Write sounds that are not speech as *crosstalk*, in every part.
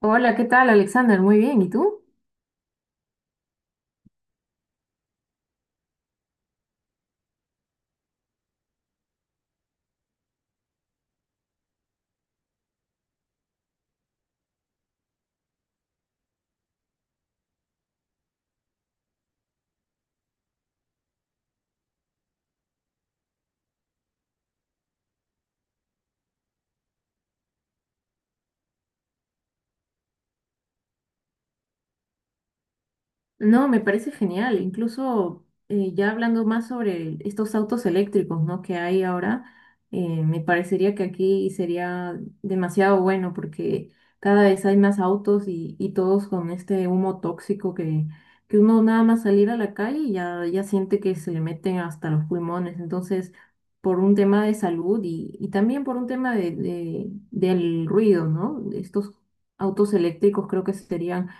Hola, ¿qué tal, Alexander? Muy bien, ¿y tú? No, me parece genial. Incluso ya hablando más sobre estos autos eléctricos, ¿no? Que hay ahora, me parecería que aquí sería demasiado bueno porque cada vez hay más autos y todos con este humo tóxico que uno nada más salir a la calle y ya siente que se le meten hasta los pulmones. Entonces, por un tema de salud y también por un tema del ruido, ¿no? Estos autos eléctricos creo que serían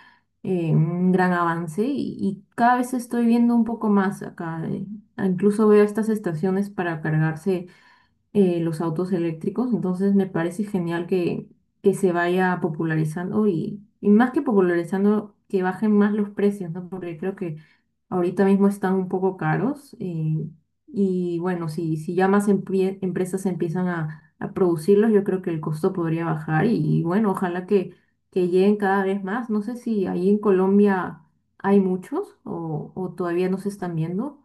un gran avance y cada vez estoy viendo un poco más acá. Incluso veo estas estaciones para cargarse los autos eléctricos, entonces me parece genial que se vaya popularizando y más que popularizando, que bajen más los precios, ¿no? Porque creo que ahorita mismo están un poco caros y bueno, si ya más empresas empiezan a producirlos, yo creo que el costo podría bajar y bueno, ojalá que lleguen cada vez más. No sé si ahí en Colombia hay muchos o todavía no se están viendo.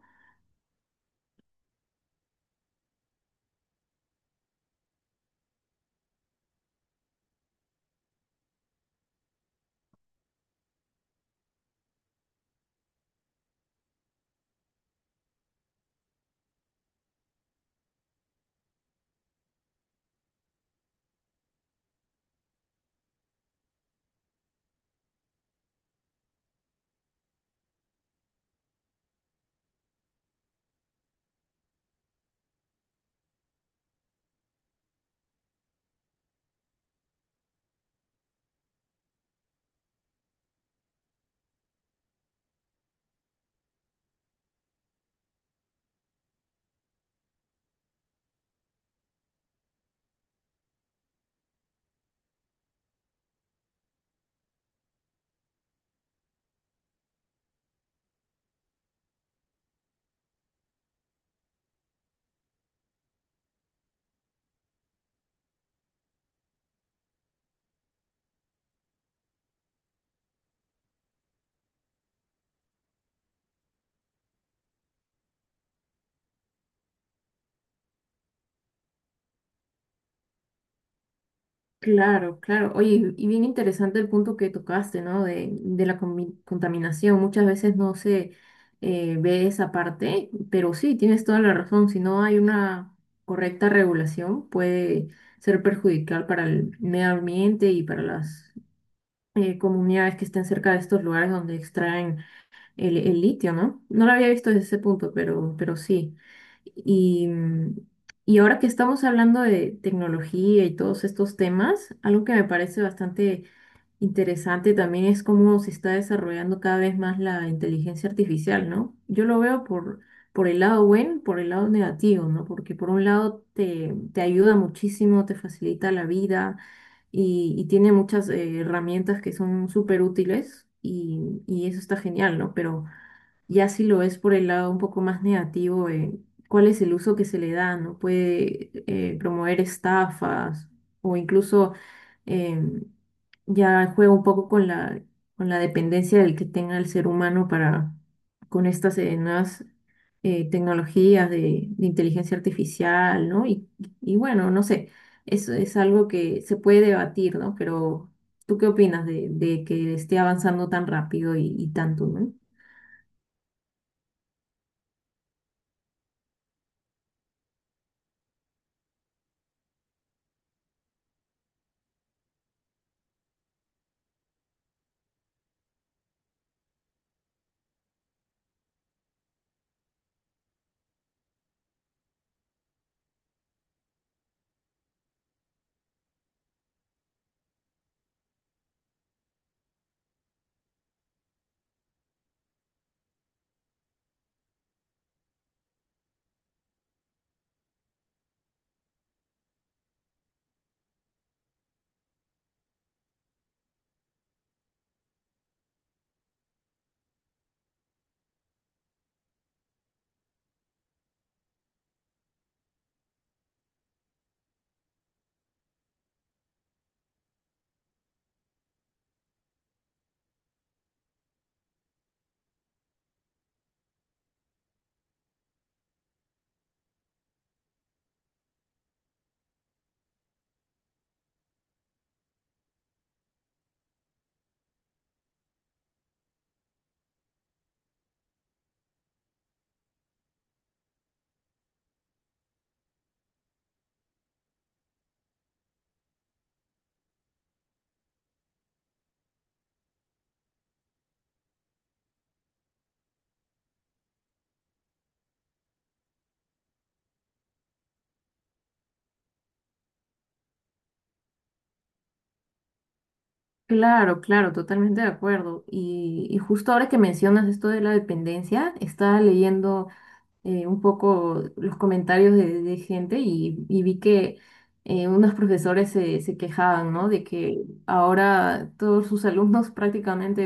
Claro, claro. Oye, y bien interesante el punto que tocaste, ¿no? De la contaminación. Muchas veces no se ve esa parte, pero sí, tienes toda la razón. Si no hay una correcta regulación, puede ser perjudicial para el medio ambiente y para las comunidades que estén cerca de estos lugares donde extraen el litio, ¿no? No lo había visto desde ese punto, pero sí. Y, mm, y ahora que estamos hablando de tecnología y todos estos temas, algo que me parece bastante interesante también es cómo se está desarrollando cada vez más la inteligencia artificial, ¿no? Yo lo veo por el lado bueno, por el lado negativo, ¿no? Porque por un lado te ayuda muchísimo, te facilita la vida y tiene muchas herramientas que son súper útiles y eso está genial, ¿no? Pero ya si lo ves por el lado un poco más negativo, cuál es el uso que se le da, ¿no? Puede promover estafas o incluso em, ya juega un poco con la dependencia del que tenga el ser humano para, con estas nuevas tecnologías de inteligencia artificial, ¿no? Y bueno, no sé, eso es algo que se puede debatir, ¿no? Pero ¿tú qué opinas de que esté avanzando tan rápido y tanto, ¿no? Claro, claro, totalmente de acuerdo. Y justo ahora que mencionas esto de la dependencia, estaba leyendo un poco los comentarios de gente y vi que unos profesores se quejaban, ¿no? De que ahora todos sus alumnos *laughs* prácticamente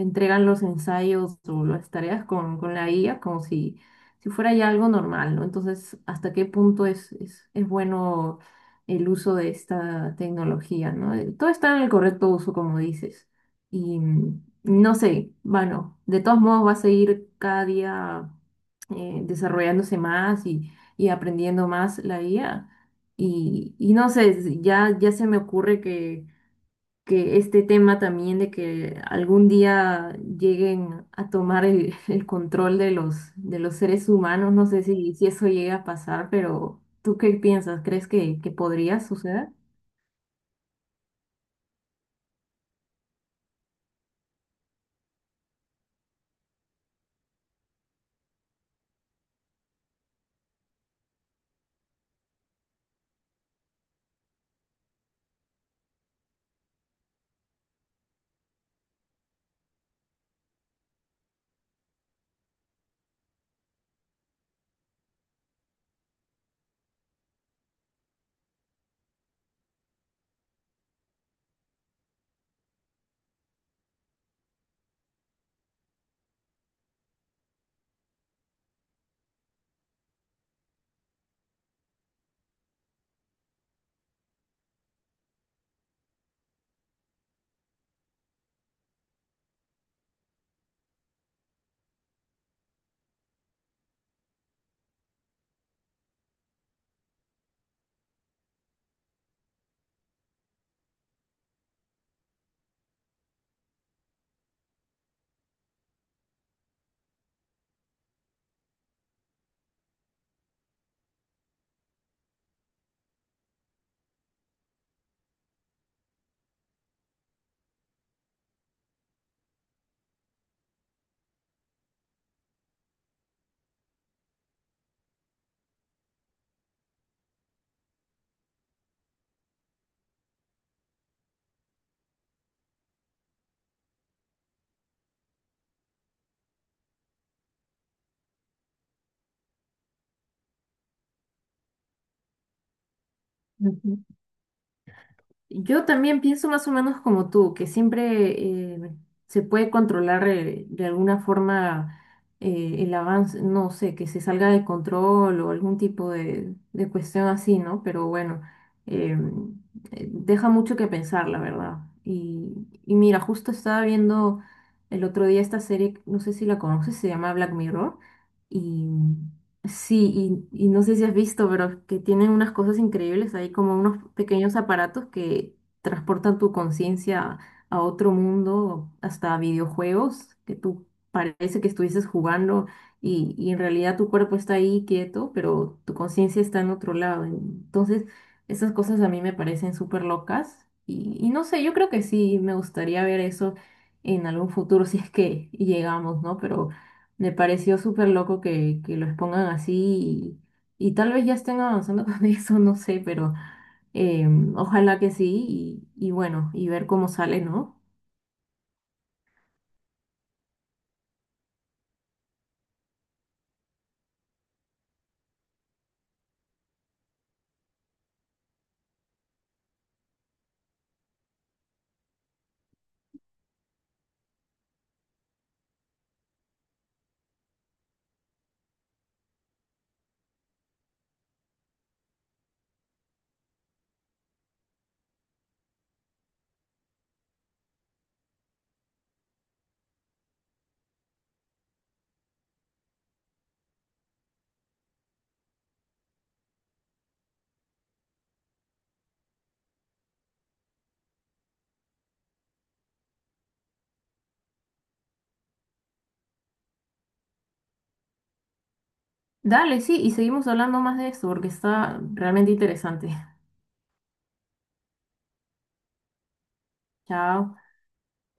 entregan los ensayos o las tareas con la IA como si, si fuera ya algo normal, ¿no? Entonces, ¿hasta qué punto es bueno el uso de esta tecnología, ¿no? Todo está en el correcto uso, como dices. No sé, bueno, de todos modos va a seguir cada día desarrollándose más y aprendiendo más la IA. Y no sé, ya se me ocurre que este tema también de que algún día lleguen a tomar el, *laughs* el control de los seres humanos, no sé si eso llega a pasar, pero ¿tú qué piensas? ¿Crees que podría suceder? Yo también pienso más o menos como tú, que siempre se puede controlar de alguna forma el avance, no sé, que se salga de control o algún tipo de cuestión así, ¿no? Pero bueno, eh, deja mucho que pensar, la verdad. Y mira, justo estaba viendo el otro día esta serie, no sé si la conoces, se llama Black Mirror, y sí, y no sé si has visto, pero que tienen unas cosas increíbles ahí, como unos pequeños aparatos que transportan tu conciencia a otro mundo, hasta videojuegos, que tú parece que estuvieses jugando y en realidad tu cuerpo está ahí quieto, pero tu conciencia está en otro lado. Entonces, esas cosas a mí me parecen súper locas y no sé, yo creo que sí, me gustaría ver eso en algún futuro *laughs* si es que llegamos, ¿no? Pero... Me pareció súper loco que lo expongan así y tal vez ya estén avanzando *laughs* con eso, no sé, pero eh, ojalá que sí y bueno, y ver cómo sale, ¿no? Dale, sí, y seguimos hablando más de esto porque está realmente interesante. Chao.